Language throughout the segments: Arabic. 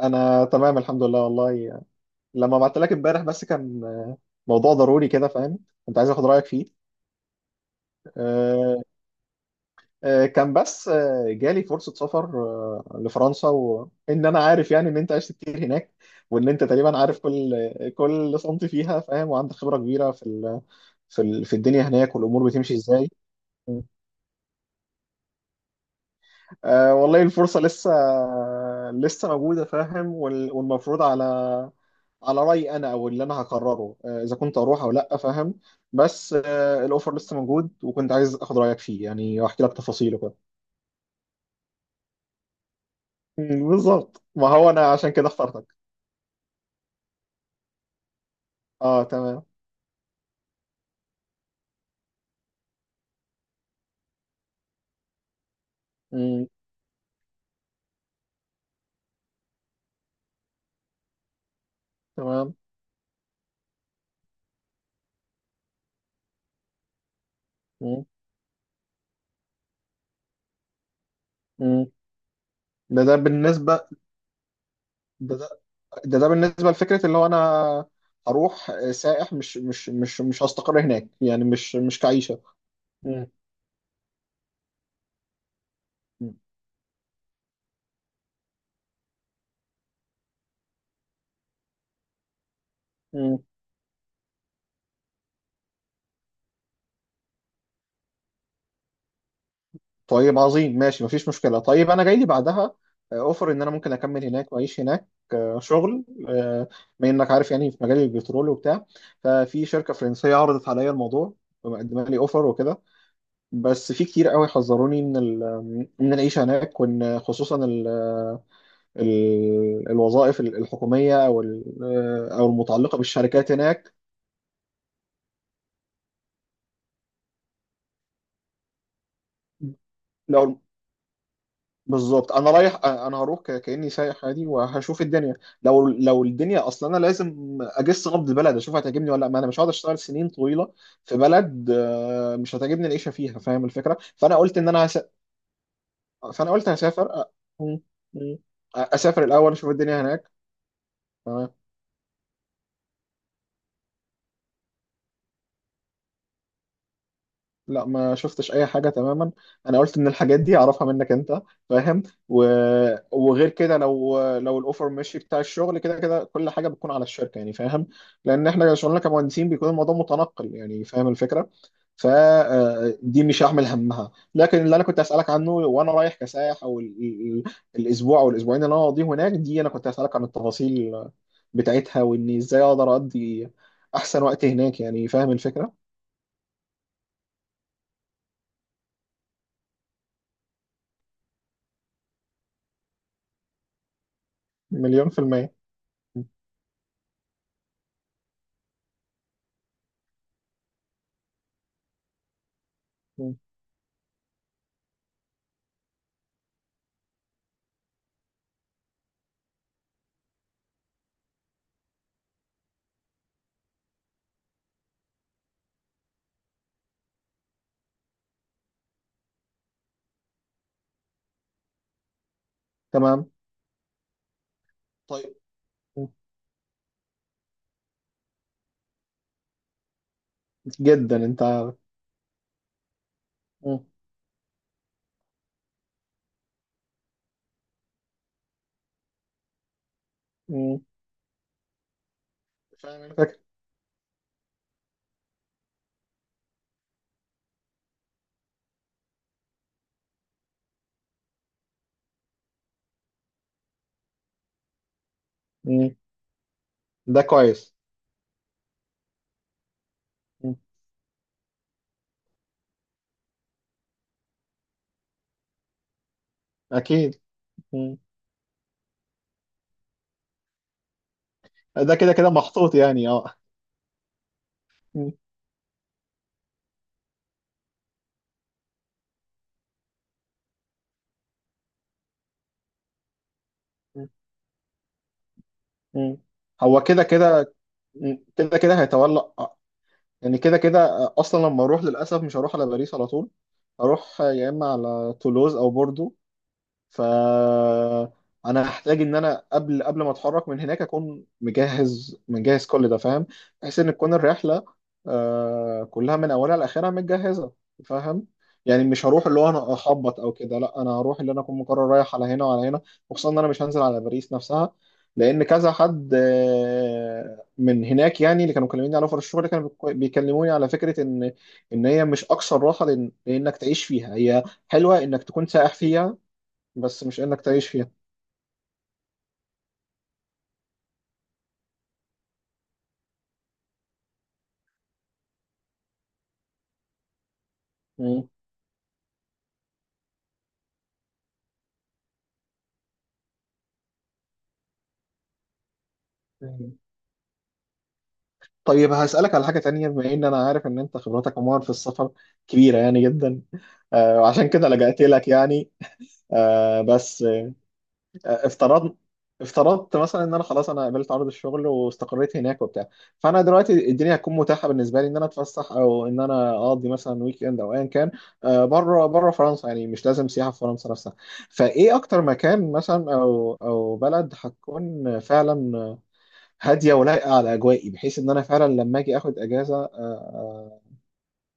انا تمام الحمد لله والله. لما بعت لك امبارح بس كان موضوع ضروري كده، فاهم. كنت عايز اخد رايك فيه. آه، كان بس جالي فرصه سفر لفرنسا، وان انا عارف يعني ان انت عشت كتير هناك، وان انت تقريبا عارف كل سنتي فيها، فاهم، وعندك خبره كبيره في الدنيا هناك والامور بتمشي ازاي. والله الفرصة لسه موجودة، فاهم، والمفروض على رأيي أنا، أو اللي أنا هقرره إذا كنت أروح أو لأ، فاهم. بس الأوفر لسه موجود، وكنت عايز آخد رأيك فيه يعني، وأحكي لك تفاصيله كده. مم، بالظبط. ما هو أنا عشان كده اخترتك. أه، تمام. مم، تمام. مم. مم. ده بالنسبة. ده ده, ده بالنسبة لفكرة اللي هو أنا هروح سائح، مش هستقر هناك يعني، مش كعيشة. مم. طيب عظيم، ماشي، مفيش مشكلة. طيب أنا جاي لي بعدها أوفر إن أنا ممكن أكمل هناك وأعيش هناك، شغل، بما إنك عارف يعني، في مجال البترول وبتاع. ففي شركة فرنسية عرضت عليا الموضوع، ومقدمة لي أوفر وكده. بس في كتير قوي حذروني من العيشة هناك، وإن خصوصا ال الوظائف الحكومية، أو المتعلقة بالشركات هناك. لو. بالظبط، انا رايح، انا هروح كاني سايح عادي وهشوف الدنيا. لو الدنيا اصلا، انا لازم اجس نبض البلد، اشوف هتعجبني ولا لا، ما انا مش هقعد اشتغل سنين طويله في بلد مش هتعجبني العيشه فيها، فاهم الفكره. فانا قلت ان انا فانا قلت هسافر م- م- اسافر الاول اشوف الدنيا هناك. لا، ما شفتش اي حاجه تماما، انا قلت ان الحاجات دي اعرفها منك انت، فاهم. و... وغير كده، لو الاوفر ماشي بتاع الشغل، كده كده كل حاجه بتكون على الشركه يعني، فاهم. لان احنا شغلنا كمهندسين بيكون الموضوع متنقل يعني، فاهم الفكره. فدي مش هعمل همها، لكن اللي انا كنت اسالك عنه وانا رايح كسائح، الاسبوع او الاسبوعين اللي انا هقضيه هناك دي، انا كنت اسالك عن التفاصيل بتاعتها، واني ازاي اقدر اقضي احسن وقت هناك يعني، فاهم الفكره. مليون في المية. تمام، طيب. مم. جدا، انت. مم. مم. فاهم، انت فاكر. مم. ده كويس. مم. اكيد. مم. ده كده كده محطوط يعني، اه. مم. مم. هو كده كده. مم. كده كده هيتولى آه. يعني كده كده اصلا لما اروح للاسف مش هروح على باريس على طول، هروح يا اما على تولوز او بوردو. فانا هحتاج ان انا قبل ما اتحرك من هناك اكون مجهز، مجهز كل ده، فاهم، بحيث ان تكون الرحله كلها من اولها لاخرها متجهزه، فاهم. يعني مش هروح اللي هو انا اخبط او كده، لا، انا هروح اللي انا اكون مقرر رايح على هنا وعلى هنا. وخصوصا ان انا مش هنزل على باريس نفسها، لان كذا حد من هناك يعني، اللي كانوا مكلميني على اوفر الشغل، كانوا بيكلموني على فكره ان هي مش اكثر راحه، لانك تعيش فيها. هي حلوه انك تكون سائح فيها، بس مش انك تعيش فيها. مم. مم. طيب هسألك على حاجة تانية، بما ان انا عارف ان انت خبرتك عموما في السفر كبيرة يعني جدا، وعشان كده لجأت لك يعني. آه، بس آه، افترضنا افترضت مثلا ان انا خلاص، انا قبلت عرض الشغل واستقريت هناك وبتاع. فانا دلوقتي الدنيا هتكون متاحه بالنسبه لي ان انا اتفسح، او ان انا اقضي مثلا ويك اند او ايا كان، بره فرنسا يعني، مش لازم سياحه في فرنسا نفسها. فايه اكتر مكان مثلا او بلد هتكون فعلا هاديه ولايقه على اجوائي، بحيث ان انا فعلا لما اجي اخد اجازه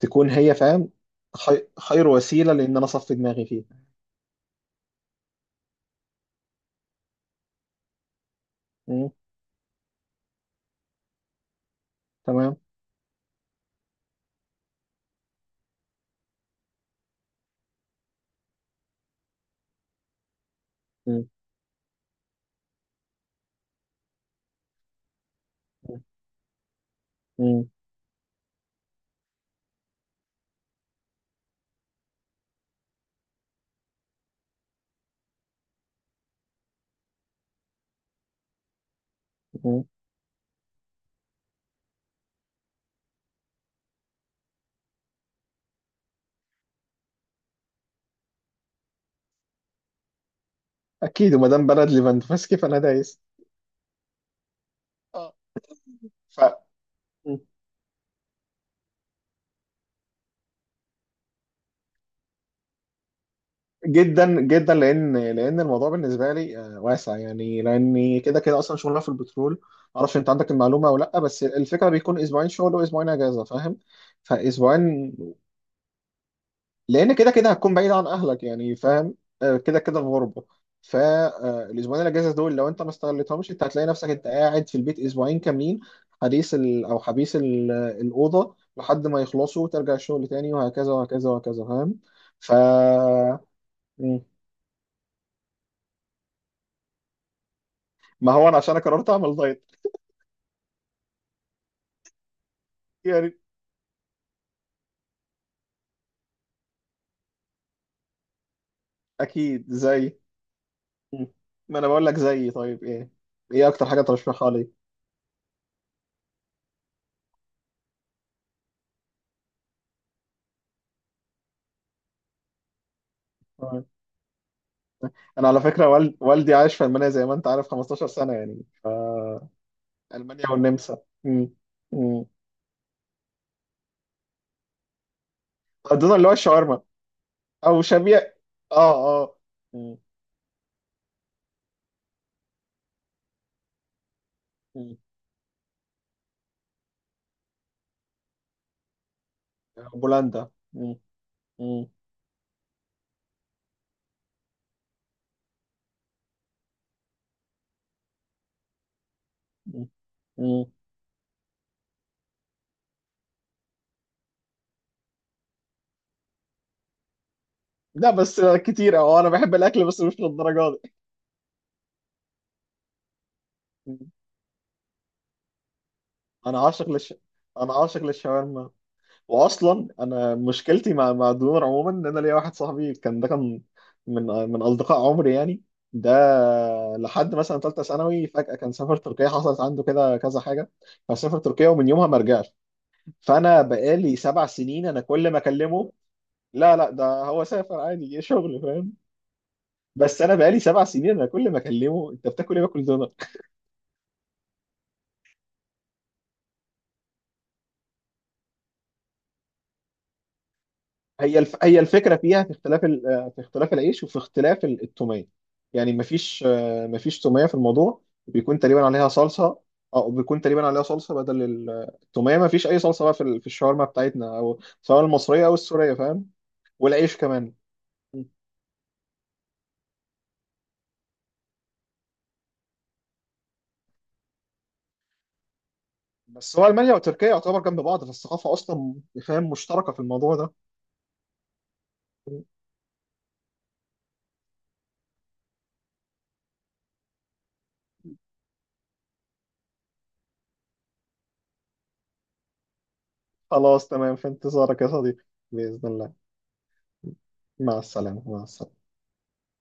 تكون هي، فاهم، خير وسيله لان انا اصفي دماغي فيها. مم، تمام. مم، مم، مم. مم. اكيد، وما دام بلد ليفاندوفسكي فانا دايس. اه. ف. مم. جدا جدا، لان الموضوع بالنسبه لي واسع يعني، لاني كده كده اصلا شغلنا في البترول، معرفش انت عندك المعلومه ولا لا، بس الفكره بيكون اسبوعين شغل واسبوعين اجازه، فاهم. فاسبوعين لان كده كده هتكون بعيد عن اهلك يعني، فاهم، كده كده في غربه. فالاسبوعين الاجازه دول، لو انت ما استغلتهمش انت هتلاقي نفسك انت قاعد في البيت اسبوعين كاملين، حديث او حبيس الاوضه لحد ما يخلصوا وترجع الشغل تاني، وهكذا وهكذا وهكذا، فاهم. ف. مم. ما هو انا عشان أنا قررت اعمل دايت يعني. اكيد زي. مم. ما انا بقول لك زي. طيب، ايه؟ ايه اكتر حاجه ترشحها لي؟ آه. انا على فكره والدي عايش في المانيا زي ما انت عارف 15 سنه يعني. المانيا والنمسا. مم. مم. اظن اللي هو الشاورما، او شبيه. اه، اه. مم. مم. بولندا. مم. مم. مم. مم. لا، بس كتير، اه، انا بحب الاكل بس مش للدرجه دي. مم. انا عاشق للش انا عاشق للشاورما. واصلا انا مشكلتي مع الدنور عموما، ان انا ليا واحد صاحبي كان، ده كان من اصدقاء عمري يعني. ده لحد مثلا ثالثه ثانوي فجاه كان سافر تركيا، حصلت عنده كده كذا حاجه، فسافر تركيا ومن يومها ما رجعش. فانا بقالي 7 سنين انا كل ما اكلمه. لا لا، ده هو سافر عادي، جه شغل، فاهم. بس انا بقالي 7 سنين انا كل ما اكلمه: انت بتاكل ايه؟ باكل دونر. هي الفكره فيها في في اختلاف العيش، وفي اختلاف التوميه يعني. مفيش توميه في الموضوع. بيكون تقريبا عليها صلصه، او بيكون تقريبا عليها صلصه بدل التوميه. مفيش اي صلصه بقى في الشاورما بتاعتنا، او سواء المصريه او السوريه، فاهم. والعيش كمان. بس هو المانيا وتركيا يعتبر جنب بعض، فالثقافه اصلا، فاهم، مشتركه في الموضوع ده. خلاص تمام، في انتظارك يا صديقي، بإذن الله. مع السلامة، مع السلامة.